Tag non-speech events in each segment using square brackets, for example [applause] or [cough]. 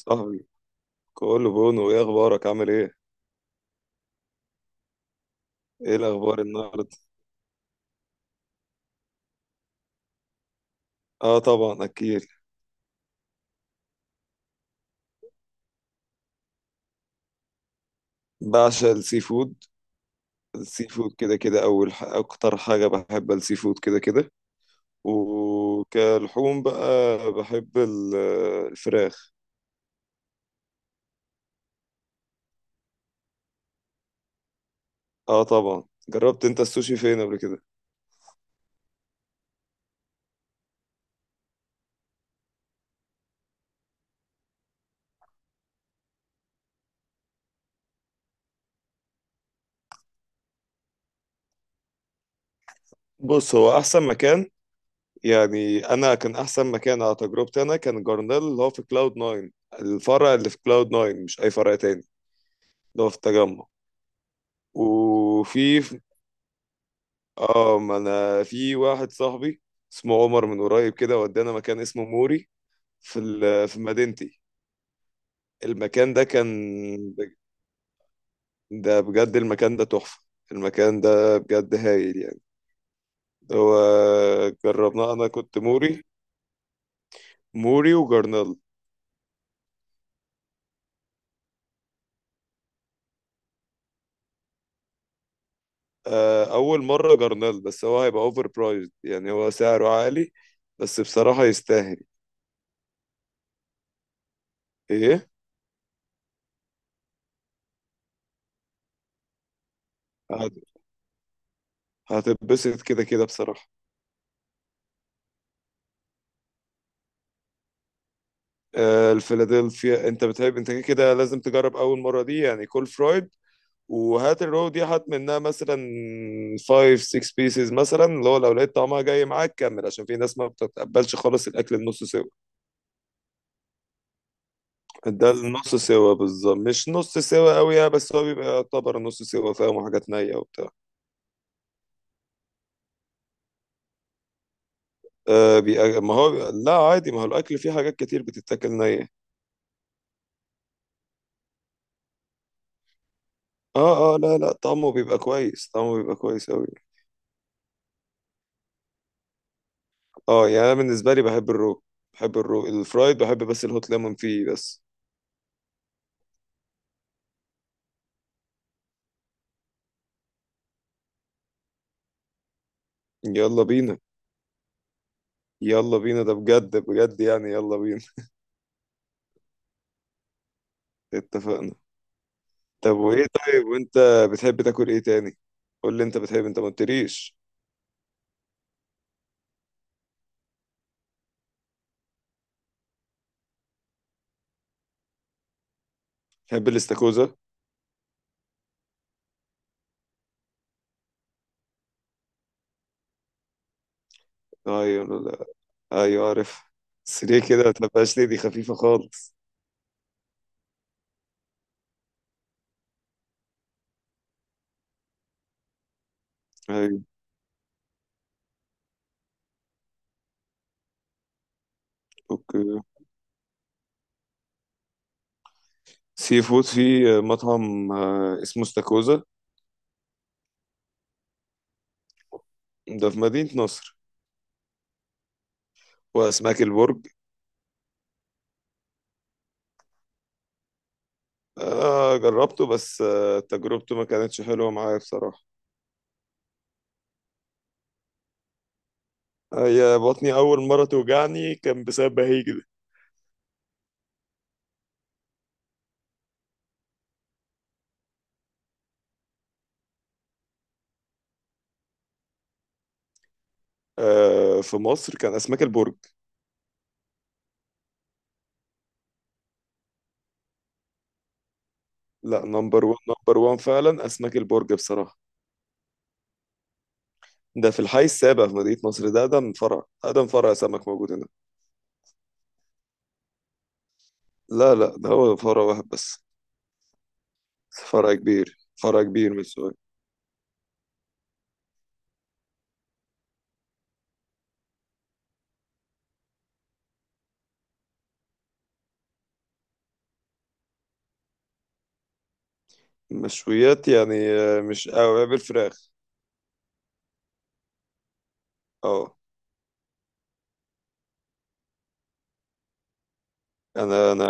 صاحبي، كله بونو. ايه اخبارك، عامل ايه؟ ايه الاخبار النهارده؟ اه، طبعا اكيد. بعشق السي فود. السي فود كده كده، اكتر حاجه بحب السي فود كده كده. وكلحوم بقى بحب الفراخ. اه، طبعا. جربت انت السوشي فين قبل كده؟ بص، هو احسن مكان يعني، انا كان احسن مكان على تجربتي انا كان جارنيل، اللي هو في كلاود 9. الفرع اللي في كلاود 9 مش اي فرع تاني، اللي هو في التجمع. وفي اه، ما انا في واحد صاحبي اسمه عمر من قريب كده ودانا مكان اسمه موري في مدينتي. المكان ده كان، ده بجد المكان ده تحفة. المكان ده بجد هايل يعني. هو جربناه، انا كنت موري، موري وجرنال. اول مرة جرنال، بس هو هيبقى اوفر برايزد يعني، هو سعره عالي بس بصراحة يستاهل. ايه؟ هت- هتتبسط كده كده بصراحة. الفيلادلفيا انت بتحب، انت كده كده لازم تجرب اول مره دي يعني كول فرويد. وهات الرو دي، هات منها مثلا 5 6 بيسز مثلا. اللي هو لو لقيت طعمها جاي معاك كمل، عشان في ناس ما بتتقبلش خالص الاكل النص سوا. ده النص سوا بالظبط، مش نص سوا قوي يعني، بس هو بيبقى يعتبر نص سوا. فاهم، حاجات نيه وبتاع. بيبقى، ما هو بيبقى لا عادي، ما هو الاكل فيه حاجات كتير بتتاكل نيه. اه اه، لا لا، طعمه بيبقى كويس، طعمه بيبقى كويس قوي. اه، يعني انا بالنسبه لي بحب الرو، الفرايد بحب، بس الهوت ليمون فيه بس. يلا بينا، يلا بينا، ده بجد بجد يعني، يلا بينا. [laughs] اتفقنا. طب وايه، طيب وانت بتحب تاكل ايه تاني؟ قول لي انت بتحب، انت ما قلتليش. بتحب الاستاكوزا؟ ايوه، لا. ايوه عارف. بس ليه كده، ما تبقاش ليه، دي خفيفه خالص. ايوه. اوكي. سي فود في مطعم، اسمه استاكوزا. ده في مدينه نصر. واسماك البرج. آه جربته، بس تجربته ما كانتش حلوة معايا بصراحة. هي بطني أول مرة توجعني كان بسبب بهيج. آه، في مصر كان أسماك البرج. لا، نمبر وان نمبر وان فعلا أسماك البرج بصراحة. ده في الحي السابع في مدينة نصر، ده أقدم فرع، أقدم فرع سمك موجود هنا. لا لا، ده هو فرع واحد بس. فرع كبير، فرع كبير من السوق. مشويات يعني، مش أوي بالفراخ. اه، أنا أنا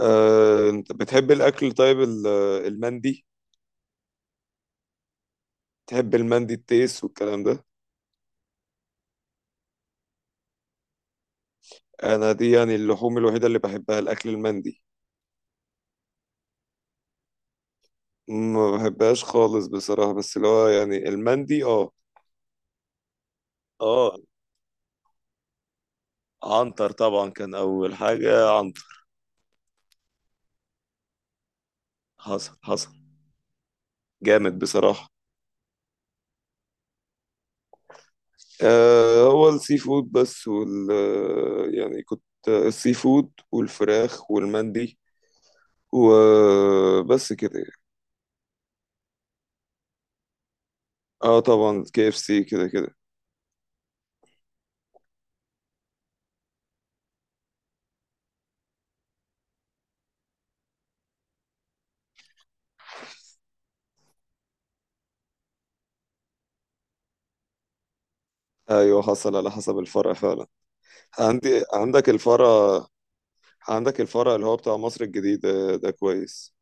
آه، أنت بتحب الأكل، طيب المندي. تحب المندي، التيس والكلام ده؟ انا دي يعني اللحوم الوحيده اللي بحبها، الاكل المندي. ما بحبهاش خالص بصراحه، بس اللي هو يعني المندي اه. اه، عنتر طبعا كان اول حاجه عنتر. حصل حصل. جامد بصراحه. هو السي فود بس، يعني كنت السي فود والفراخ والمندي وبس كده. اه طبعا، كي اف سي كده كده. ايوه حصل، على حسب الفرع فعلا. عندي، عندك الفرع، عندك الفرع اللي هو بتاع مصر الجديد ده كويس.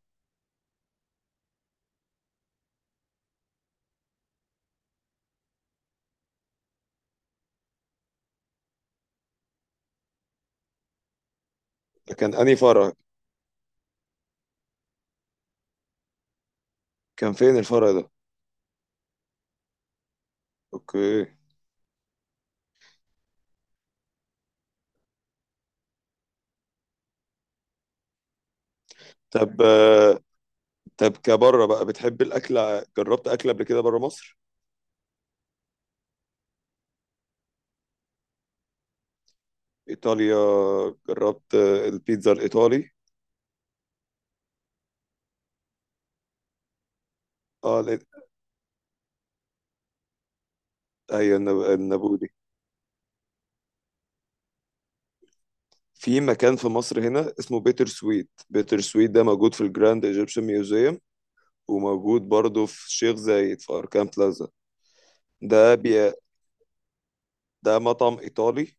ده كان أنهي فرع؟ كان فين الفرع ده؟ اوكي. طب، طب كبره بقى بتحب الاكل، جربت اكل قبل كده بره مصر؟ ايطاليا. جربت، البيتزا الايطالي؟ اه، لا، ايوه، النابولي. في مكان في مصر هنا اسمه بيتر سويت، بيتر سويت ده موجود في الجراند ايجيبشن ميوزيوم. وموجود برضه في شيخ زايد في اركان بلازا. ده بي... ده مطعم ايطالي.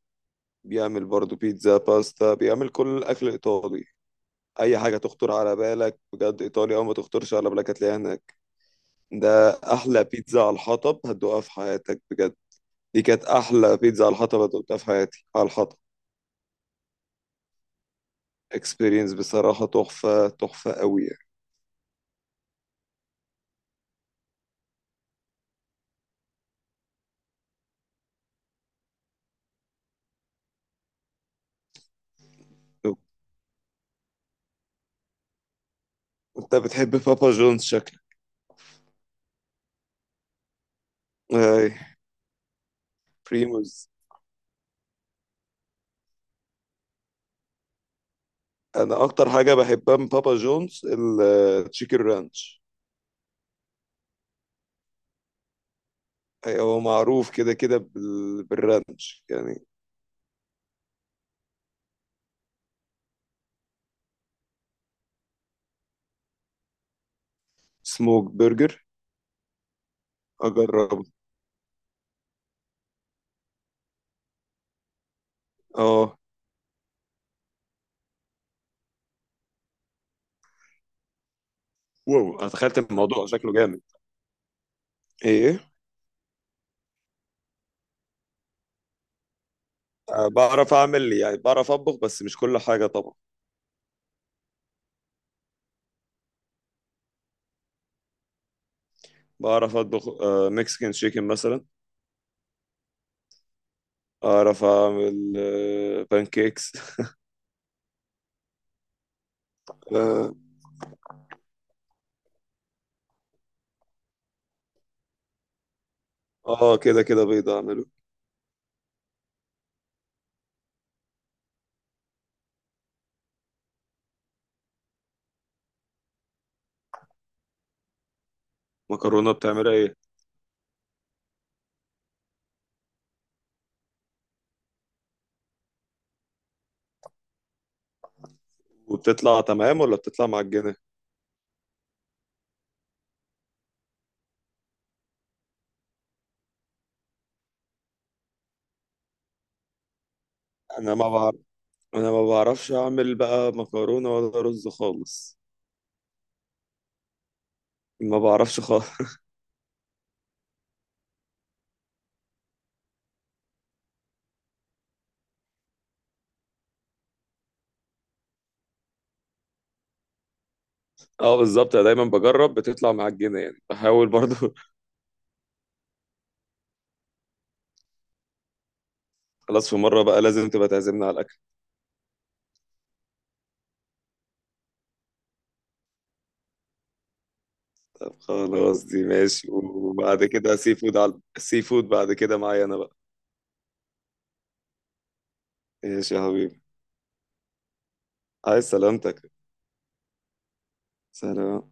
بيعمل برضو بيتزا، باستا، بيعمل كل الاكل الايطالي. اي حاجه تخطر على بالك بجد ايطاليا او ما تخطرش على بالك، هتلاقيها هناك. ده احلى بيتزا على الحطب هتدوقها في حياتك بجد. دي كانت احلى بيتزا على الحطب هتدوقها في حياتي، على الحطب. اكسبيرينس بصراحه تحفه، تحفه قوي يعني. انت بتحب بابا جونز شكلك؟ اي، بريموز. انا اكتر حاجه بحبها من بابا جونز التشيكن رانش. هو معروف كده كده بالرانش يعني. سموك برجر، اجربه. اه. واو، انا تخيلت الموضوع شكله جامد. ايه؟ أه، بعرف اعمل يعني، بعرف اطبخ بس مش كل حاجه طبعا. بعرف اطبخ، مكسيكان شيكن مثلا. اعرف اعمل بانكيكس. [laughs] آه. اه، كده كده بيض اعمله. مكرونه بتعملها ايه؟ وبتطلع تمام ولا بتطلع معجنه؟ انا ما بعرف، انا ما بعرفش اعمل بقى مكرونه ولا رز خالص. ما بعرفش خالص. اه بالظبط، انا دايما بجرب بتطلع معجنه يعني، بحاول برضو. [laughs] خلاص، في مره بقى لازم تبقى تعزمنا على. طب خلاص دي ماشي، وبعد كده سي فود على السي فود بعد كده معايا انا بقى. ماشي يا حبيبي. عايز سلامتك. سلام.